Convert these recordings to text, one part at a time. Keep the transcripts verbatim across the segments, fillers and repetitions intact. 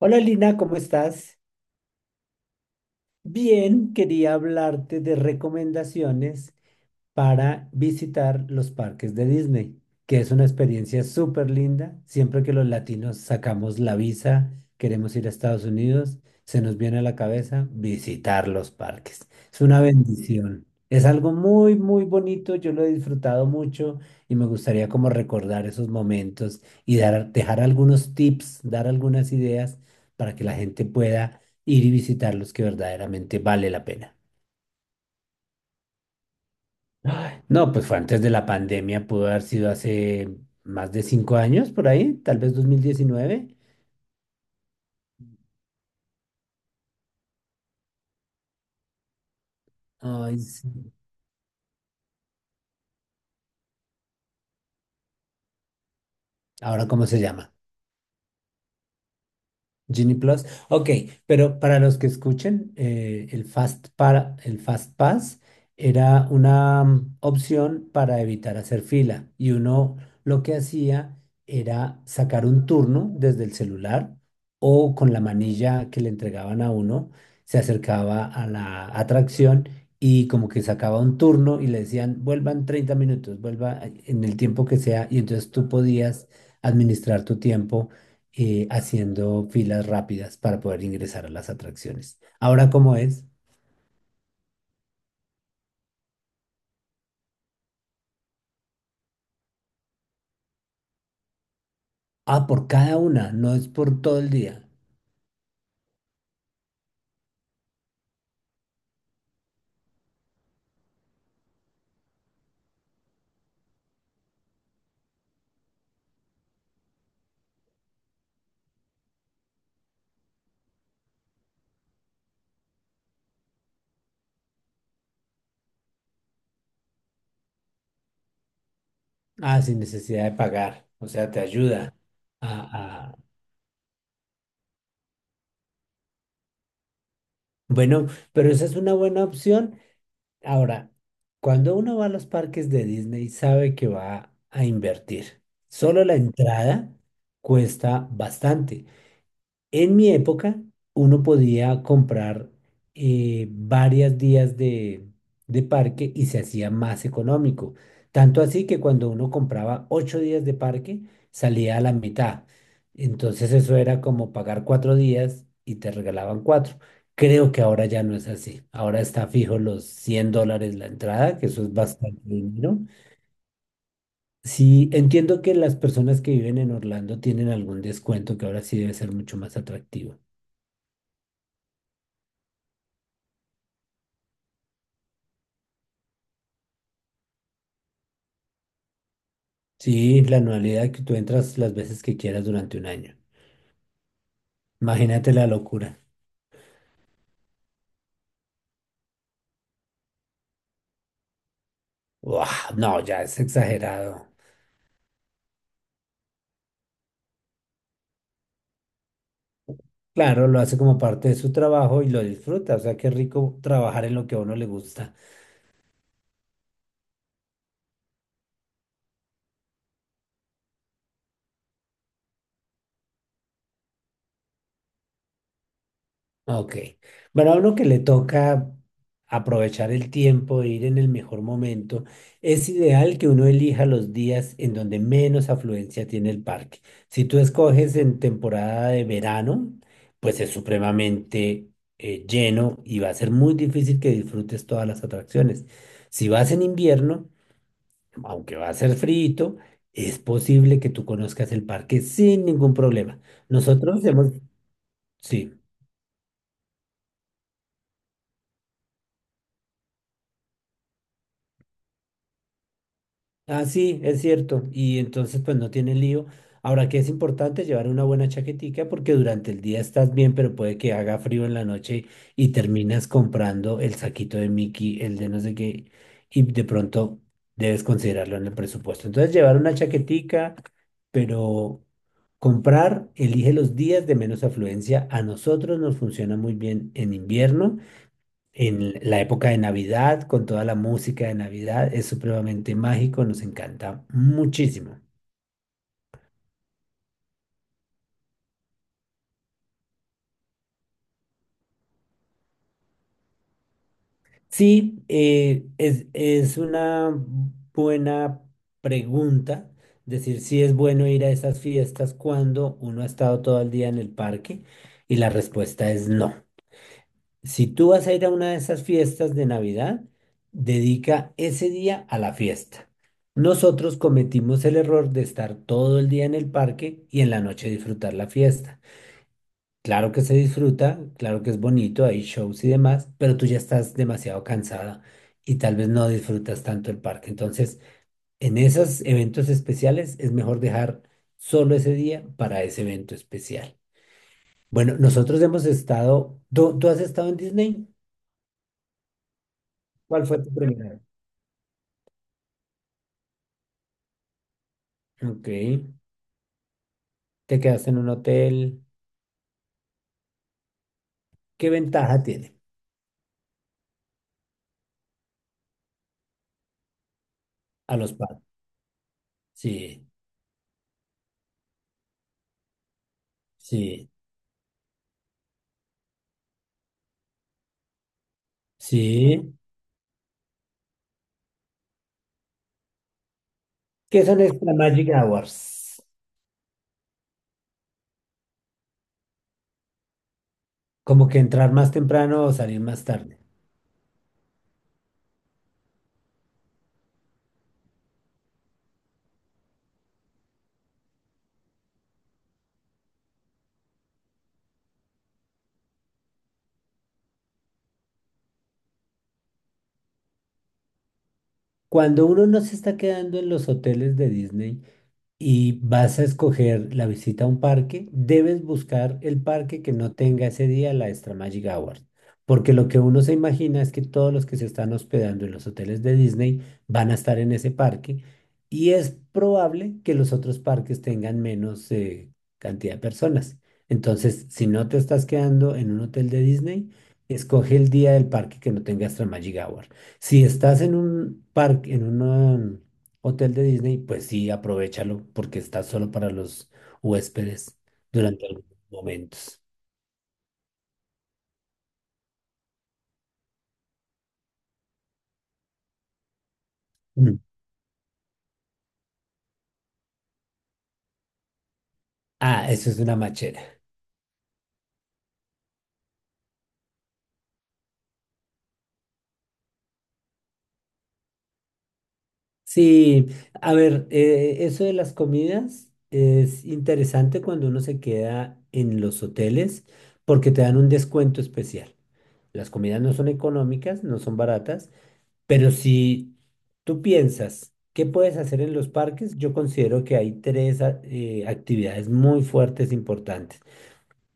Hola Lina, ¿cómo estás? Bien, quería hablarte de recomendaciones para visitar los parques de Disney, que es una experiencia súper linda. Siempre que los latinos sacamos la visa, queremos ir a Estados Unidos, se nos viene a la cabeza visitar los parques. Es una bendición. Es algo muy, muy bonito. Yo lo he disfrutado mucho y me gustaría como recordar esos momentos y dar, dejar algunos tips, dar algunas ideas para que la gente pueda ir y visitar los que verdaderamente vale la pena. No, pues fue antes de la pandemia, pudo haber sido hace más de cinco años por ahí, tal vez dos mil diecinueve. Ay, sí. ¿Ahora cómo se llama? Genie Plus. Ok, pero para los que escuchen, eh, el Fast para, el Fast Pass era una mm, opción para evitar hacer fila. Y uno lo que hacía era sacar un turno desde el celular o con la manilla que le entregaban a uno, se acercaba a la atracción y como que sacaba un turno y le decían, vuelvan treinta minutos, vuelva en el tiempo que sea. Y entonces tú podías administrar tu tiempo eh, haciendo filas rápidas para poder ingresar a las atracciones. Ahora, ¿cómo es? Ah, por cada una, no es por todo el día. Ah, sin necesidad de pagar. O sea, te ayuda a... a- Bueno, pero esa es una buena opción. Ahora, cuando uno va a los parques de Disney, sabe que va a invertir. Solo la entrada cuesta bastante. En mi época, uno podía comprar eh, varias días de, de parque y se hacía más económico. Tanto así que cuando uno compraba ocho días de parque, salía a la mitad. Entonces eso era como pagar cuatro días y te regalaban cuatro. Creo que ahora ya no es así. Ahora está fijo los cien dólares la entrada, que eso es bastante dinero. Sí, entiendo que las personas que viven en Orlando tienen algún descuento que ahora sí debe ser mucho más atractivo. Sí, la anualidad que tú entras las veces que quieras durante un año. Imagínate la locura. Uah, no, ya es exagerado. Claro, lo hace como parte de su trabajo y lo disfruta. O sea, qué rico trabajar en lo que a uno le gusta. Ok. Bueno, a uno que le toca aprovechar el tiempo e ir en el mejor momento, es ideal que uno elija los días en donde menos afluencia tiene el parque. Si tú escoges en temporada de verano, pues es supremamente eh, lleno y va a ser muy difícil que disfrutes todas las atracciones. Si vas en invierno, aunque va a ser frío, es posible que tú conozcas el parque sin ningún problema. Nosotros hemos... Sí. Ah, sí, es cierto. Y entonces, pues no tiene lío. Ahora que es importante llevar una buena chaquetica porque durante el día estás bien, pero puede que haga frío en la noche y terminas comprando el saquito de Mickey, el de no sé qué, y de pronto debes considerarlo en el presupuesto. Entonces, llevar una chaquetica, pero comprar, elige los días de menos afluencia. A nosotros nos funciona muy bien en invierno en la época de Navidad, con toda la música de Navidad, es supremamente mágico, nos encanta muchísimo. Sí, eh, es, es una buena pregunta decir si es bueno ir a esas fiestas cuando uno ha estado todo el día en el parque y la respuesta es no. Si tú vas a ir a una de esas fiestas de Navidad, dedica ese día a la fiesta. Nosotros cometimos el error de estar todo el día en el parque y en la noche disfrutar la fiesta. Claro que se disfruta, claro que es bonito, hay shows y demás, pero tú ya estás demasiado cansada y tal vez no disfrutas tanto el parque. Entonces, en esos eventos especiales es mejor dejar solo ese día para ese evento especial. Bueno, nosotros hemos estado, ¿tú, tú has estado en Disney? ¿Cuál fue tu primera? Ok. Te quedaste en un hotel. ¿Qué ventaja tiene a los padres? Sí, sí, sí. ¿Qué son extra magic hours? Como que entrar más temprano o salir más tarde. Cuando uno no se está quedando en los hoteles de Disney, y vas a escoger la visita a un parque, debes buscar el parque que no tenga ese día la extra Magic Hours. Porque lo que uno se imagina es que todos los que se están hospedando en los hoteles de Disney van a estar en ese parque y es probable que los otros parques tengan menos eh, cantidad de personas. Entonces, si no te estás quedando en un hotel de Disney, escoge el día del parque que no tenga extra Magic Hour. Si estás en un parque, en un hotel de Disney, pues sí, aprovéchalo porque está solo para los huéspedes durante algunos momentos. Mm. Ah, eso es una machera. Sí, a ver, eh, eso de las comidas es interesante cuando uno se queda en los hoteles porque te dan un descuento especial. Las comidas no son económicas, no son baratas, pero si tú piensas qué puedes hacer en los parques, yo considero que hay tres a- eh, actividades muy fuertes, importantes.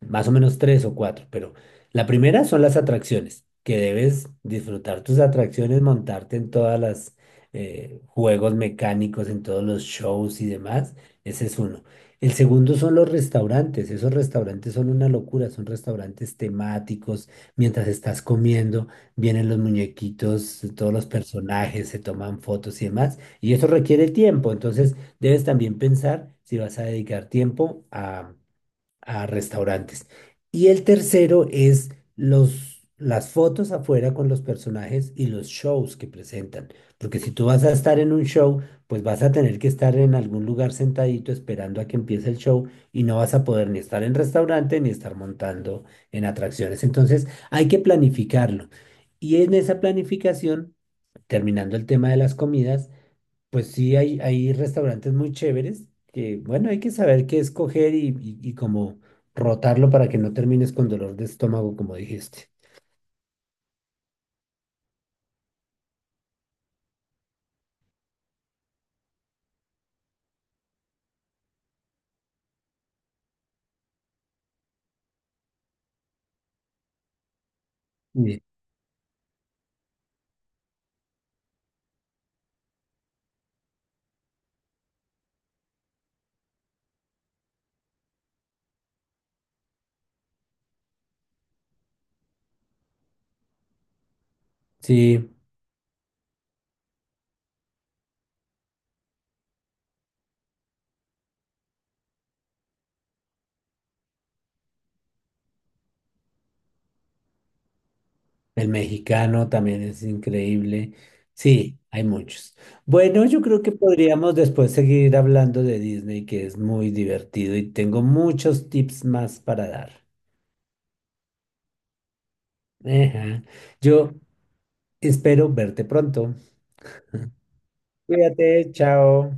Más o menos tres o cuatro, pero la primera son las atracciones, que debes disfrutar tus atracciones, montarte en todas las eh, juegos mecánicos, en todos los shows y demás. Ese es uno. El segundo son los restaurantes. Esos restaurantes son una locura, son restaurantes temáticos. Mientras estás comiendo, vienen los muñequitos, todos los personajes, se toman fotos y demás. Y eso requiere tiempo. Entonces, debes también pensar si vas a dedicar tiempo a a restaurantes. Y el tercero es los, las fotos afuera con los personajes y los shows que presentan. Porque si tú vas a estar en un show, pues vas a tener que estar en algún lugar sentadito esperando a que empiece el show y no vas a poder ni estar en restaurante ni estar montando en atracciones. Entonces hay que planificarlo. Y en esa planificación, terminando el tema de las comidas, pues sí, hay, hay restaurantes muy chéveres que, bueno, hay que saber qué escoger y, y, y cómo rotarlo para que no termines con dolor de estómago, como dijiste. Sí, sí, el mexicano también es increíble. Sí, hay muchos. Bueno, yo creo que podríamos después seguir hablando de Disney, que es muy divertido y tengo muchos tips más para dar. Ajá. Yo espero verte pronto. Cuídate, chao.